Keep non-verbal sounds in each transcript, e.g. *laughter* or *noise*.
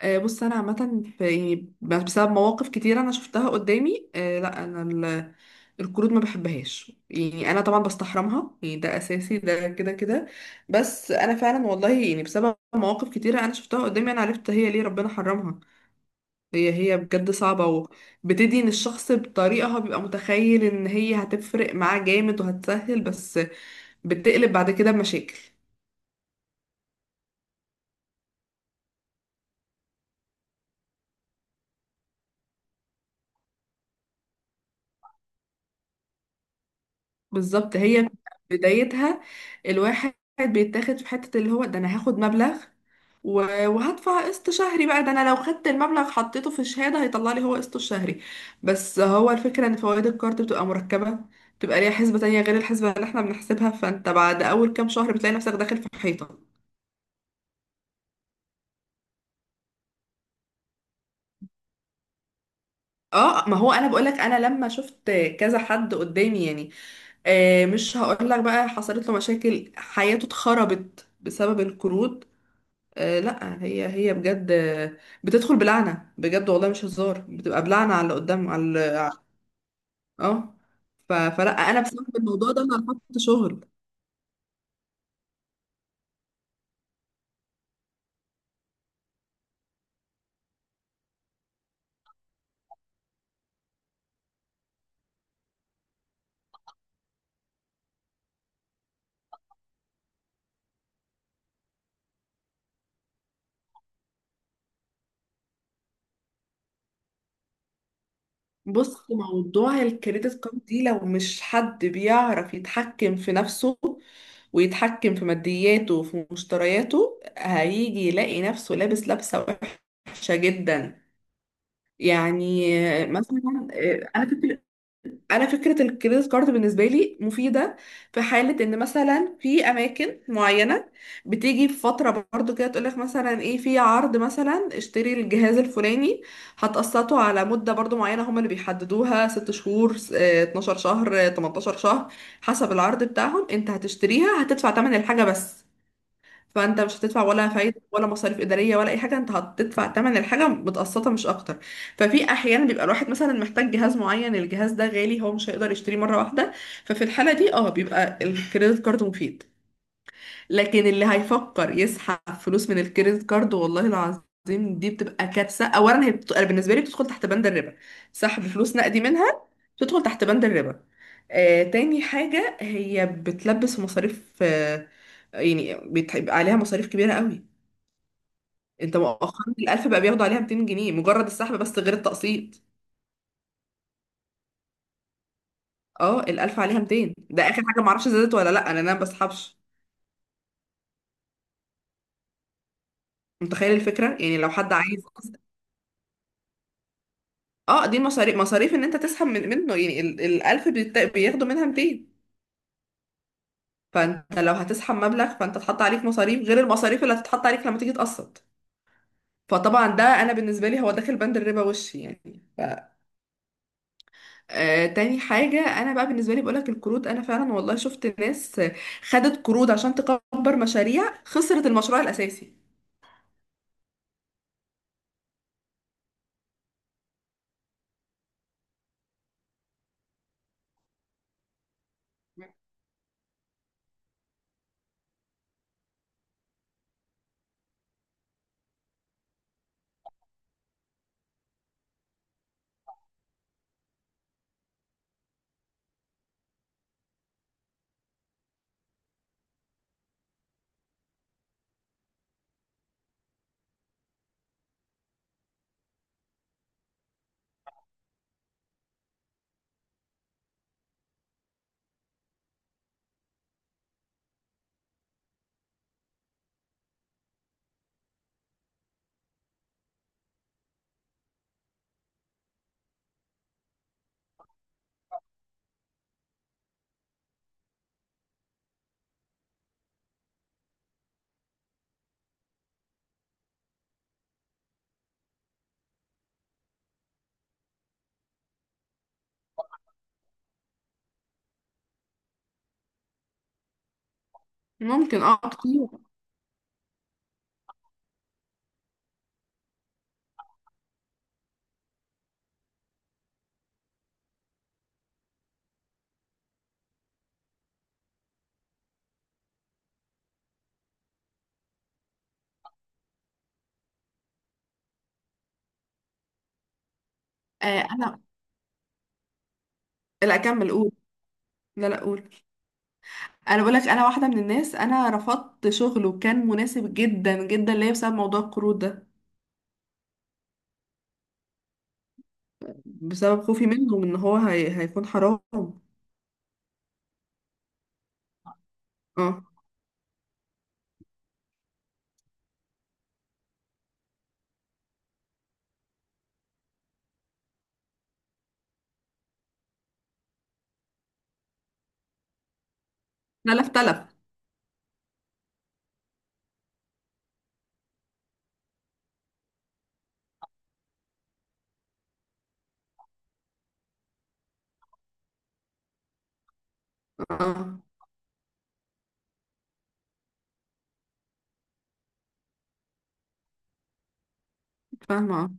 بص انا عامه في يعني بسبب مواقف كتير انا شفتها قدامي، لا انا القروض ما بحبهاش، يعني انا طبعا بستحرمها، يعني ده اساسي ده كده كده. بس انا فعلا والله يعني بسبب مواقف كتيره انا شفتها قدامي انا عرفت هي ليه ربنا حرمها. هي بجد صعبه، وبتدين الشخص بطريقه هو بيبقى متخيل ان هي هتفرق معاه جامد وهتسهل، بس بتقلب بعد كده بمشاكل. بالظبط، هي بدايتها الواحد بيتاخد في حتة اللي هو ده انا هاخد مبلغ وهدفع قسط شهري، بقى ده انا لو خدت المبلغ حطيته في شهادة هيطلع لي هو قسطه الشهري. بس هو الفكرة ان فوائد الكارت بتبقى مركبة، بتبقى ليها حسبة تانية غير الحسبة اللي احنا بنحسبها، فانت بعد اول كام شهر بتلاقي نفسك داخل في حيطة. اه ما هو انا بقولك انا لما شفت كذا حد قدامي، يعني مش هقولك بقى، حصلت له مشاكل، حياته اتخربت بسبب القروض. آه لا هي بجد، بتدخل بلعنة بجد والله مش هزار، بتبقى بلعنة على اللي قدام على اه. فلا انا بسبب الموضوع ده انا رفضت شغل. بص موضوع الكريدت كارد دي لو مش حد بيعرف يتحكم في نفسه ويتحكم في مادياته وفي مشترياته، هيجي يلاقي نفسه لابس لبسة وحشة جدا، يعني. مثلا انا كنت، انا فكره الكريدت كارد بالنسبه لي مفيده في حاله ان مثلا في اماكن معينه بتيجي في فتره برضو كده تقول لك مثلا ايه في عرض، مثلا اشتري الجهاز الفلاني هتقسطه على مده برضو معينه هم اللي بيحددوها، 6 شهور 12 شهر 18 شهر، حسب العرض بتاعهم. انت هتشتريها هتدفع ثمن الحاجه بس، فانت مش هتدفع ولا فايده ولا مصاريف اداريه ولا اي حاجه، انت هتدفع تمن الحاجه متقسطه مش اكتر. ففي احيانا بيبقى الواحد مثلا محتاج جهاز معين، الجهاز ده غالي هو مش هيقدر يشتريه مره واحده، ففي الحاله دي اه بيبقى الكريدت كارد مفيد. لكن اللي هيفكر يسحب فلوس من الكريدت كارد، والله العظيم دي بتبقى كارثة. اولا هي أنا بالنسبة لي بتدخل تحت بند الربا، سحب فلوس نقدي منها بتدخل تحت بند الربا. تاني حاجة هي بتلبس في مصاريف، يعني بيبقى عليها مصاريف كبيرة قوي. انت مؤخرا الألف بقى بياخدوا عليها 200 جنيه، مجرد السحب بس غير التقسيط. اه الألف عليها 200، ده آخر حاجة معرفش زادت ولا لأ، أنا ما بسحبش. متخيل الفكرة، يعني لو حد عايز. اه دي مصاريف، مصاريف ان انت تسحب من منه، يعني الالف بياخدوا منها 200. فانت لو هتسحب مبلغ فانت اتحط عليك مصاريف غير المصاريف اللي هتتحط عليك لما تيجي تقسط. فطبعا ده انا بالنسبه لي هو داخل بند الربا وش يعني آه تاني حاجه انا بقى بالنسبه لي بقولك، القروض انا فعلا والله شفت ناس خدت قروض عشان تكبر مشاريع خسرت المشروع الاساسي. ممكن اه كتير. آه انا. لا اكمل قول. لا لا قول. انا بقولك انا واحده من الناس انا رفضت شغل وكان مناسب جدا جدا ليا بسبب موضوع القروض ده، بسبب خوفي منهم ان هو هيكون حرام. اه تلف تلف. اه فاهمه اه.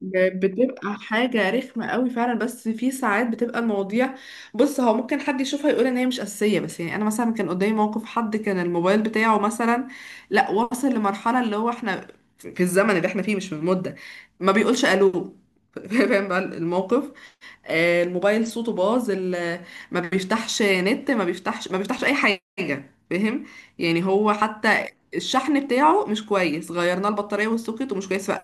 بتبقى حاجه رخمه قوي فعلا، بس في ساعات بتبقى المواضيع، بص هو ممكن حد يشوفها يقول ان هي مش اساسيه. بس يعني انا مثلا كان قدامي موقف، حد كان الموبايل بتاعه مثلا، لا وصل لمرحله اللي هو احنا في الزمن اللي احنا فيه مش في المده ما بيقولش الو *laughs* فاهم بقى الموقف. الموبايل صوته باظ ما بيفتحش نت، ما بيفتحش اي حاجه، فاهم، يعني هو حتى الشحن بتاعه مش كويس، غيرنا البطاريه والسوكت ومش كويس،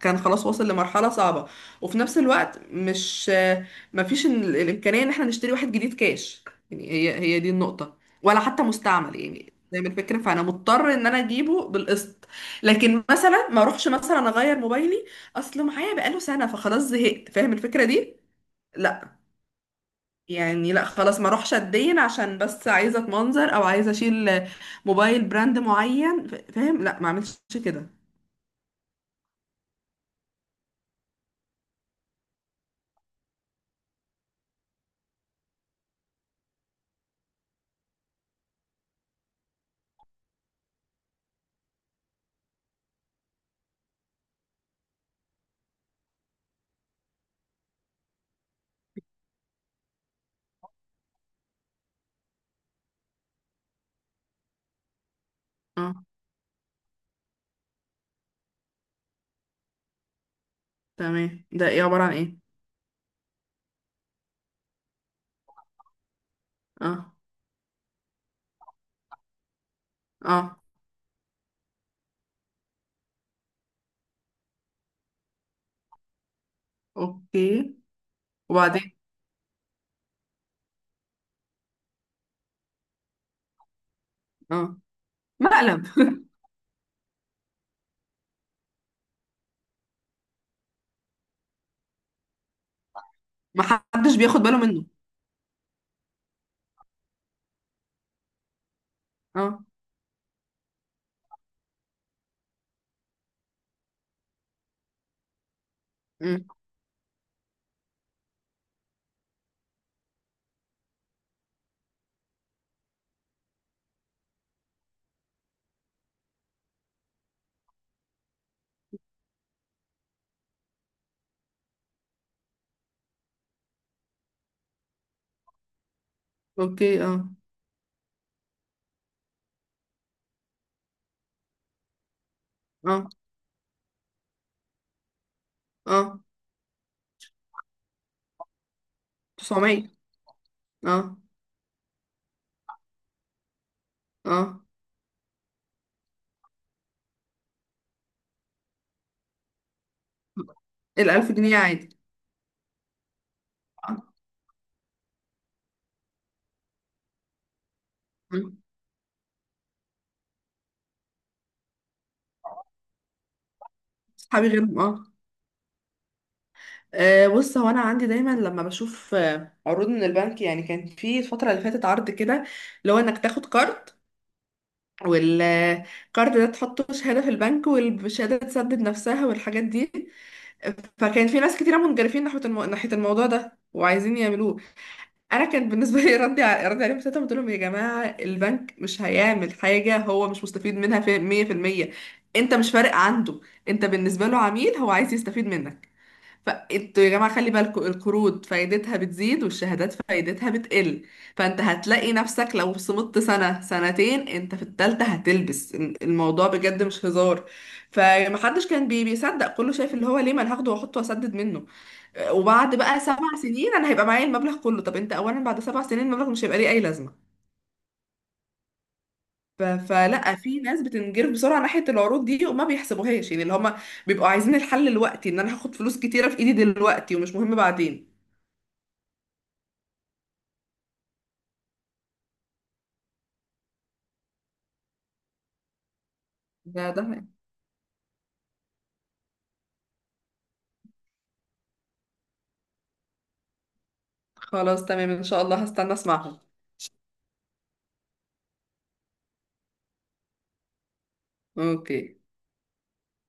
كان خلاص واصل لمرحله صعبه. وفي نفس الوقت مش ما فيش الامكانيه ان احنا نشتري واحد جديد كاش، يعني هي دي النقطه. ولا حتى مستعمل، يعني زي ما الفكره، فانا مضطر ان انا اجيبه بالقسط. لكن مثلا ما اروحش مثلا اغير موبايلي، اصله معايا بقاله سنه فخلاص زهقت، فاهم الفكره دي. لا يعني لا خلاص، ما اروحش اتدين عشان بس عايزه اتمنظر او عايزه اشيل موبايل براند معين، فاهم، لا ما اعملش كده. اه تمام، ده ايه عباره عن ايه؟ اه، اه، اوكي، وبعدين، اه، مقلب *laughs* ما حدش بياخد باله منه، اه، امم، اوكي، اه، اه، اه، 900، اه، اه، الألف جنيه عادي، اه، أمم. صحابي غيرهم اه. أه بص هو انا عندي دايما لما بشوف عروض من البنك، يعني كان في الفتره اللي فاتت عرض كده، اللي هو انك تاخد كارد والكارد ده تحطه شهاده في البنك والشهاده تسدد نفسها والحاجات دي. فكان في ناس كتيره منجرفين ناحيه ناحيه الموضوع ده وعايزين يعملوه. انا كان بالنسبه *laughs* لي ردي ردي عليهم ساعتها، قلت لهم يا جماعه البنك مش هيعمل حاجه، هو مش مستفيد منها في 100%. انت مش فارق عنده، انت بالنسبه له عميل هو عايز يستفيد منك. فانتوا يا جماعة خلي بالكم، القروض فايدتها بتزيد والشهادات فايدتها بتقل، فانت هتلاقي نفسك لو صمدت سنة سنتين انت في التالتة هتلبس الموضوع بجد مش هزار. فمحدش كان بي بيصدق، كله شايف اللي هو ليه، ما أنا هاخده واحطه واسدد منه وبعد بقى 7 سنين انا هيبقى معايا المبلغ كله. طب انت اولا بعد 7 سنين المبلغ مش هيبقى ليه اي لازمة. فلا في ناس بتنجرف بسرعه ناحيه العروض دي وما بيحسبوهاش، يعني اللي هما بيبقوا عايزين الحل دلوقتي، ان انا هاخد فلوس كتيره في ايدي دلوقتي ومش مهم بعدين. ده خلاص تمام، ان شاء الله هستنى اسمعهم. اوكي.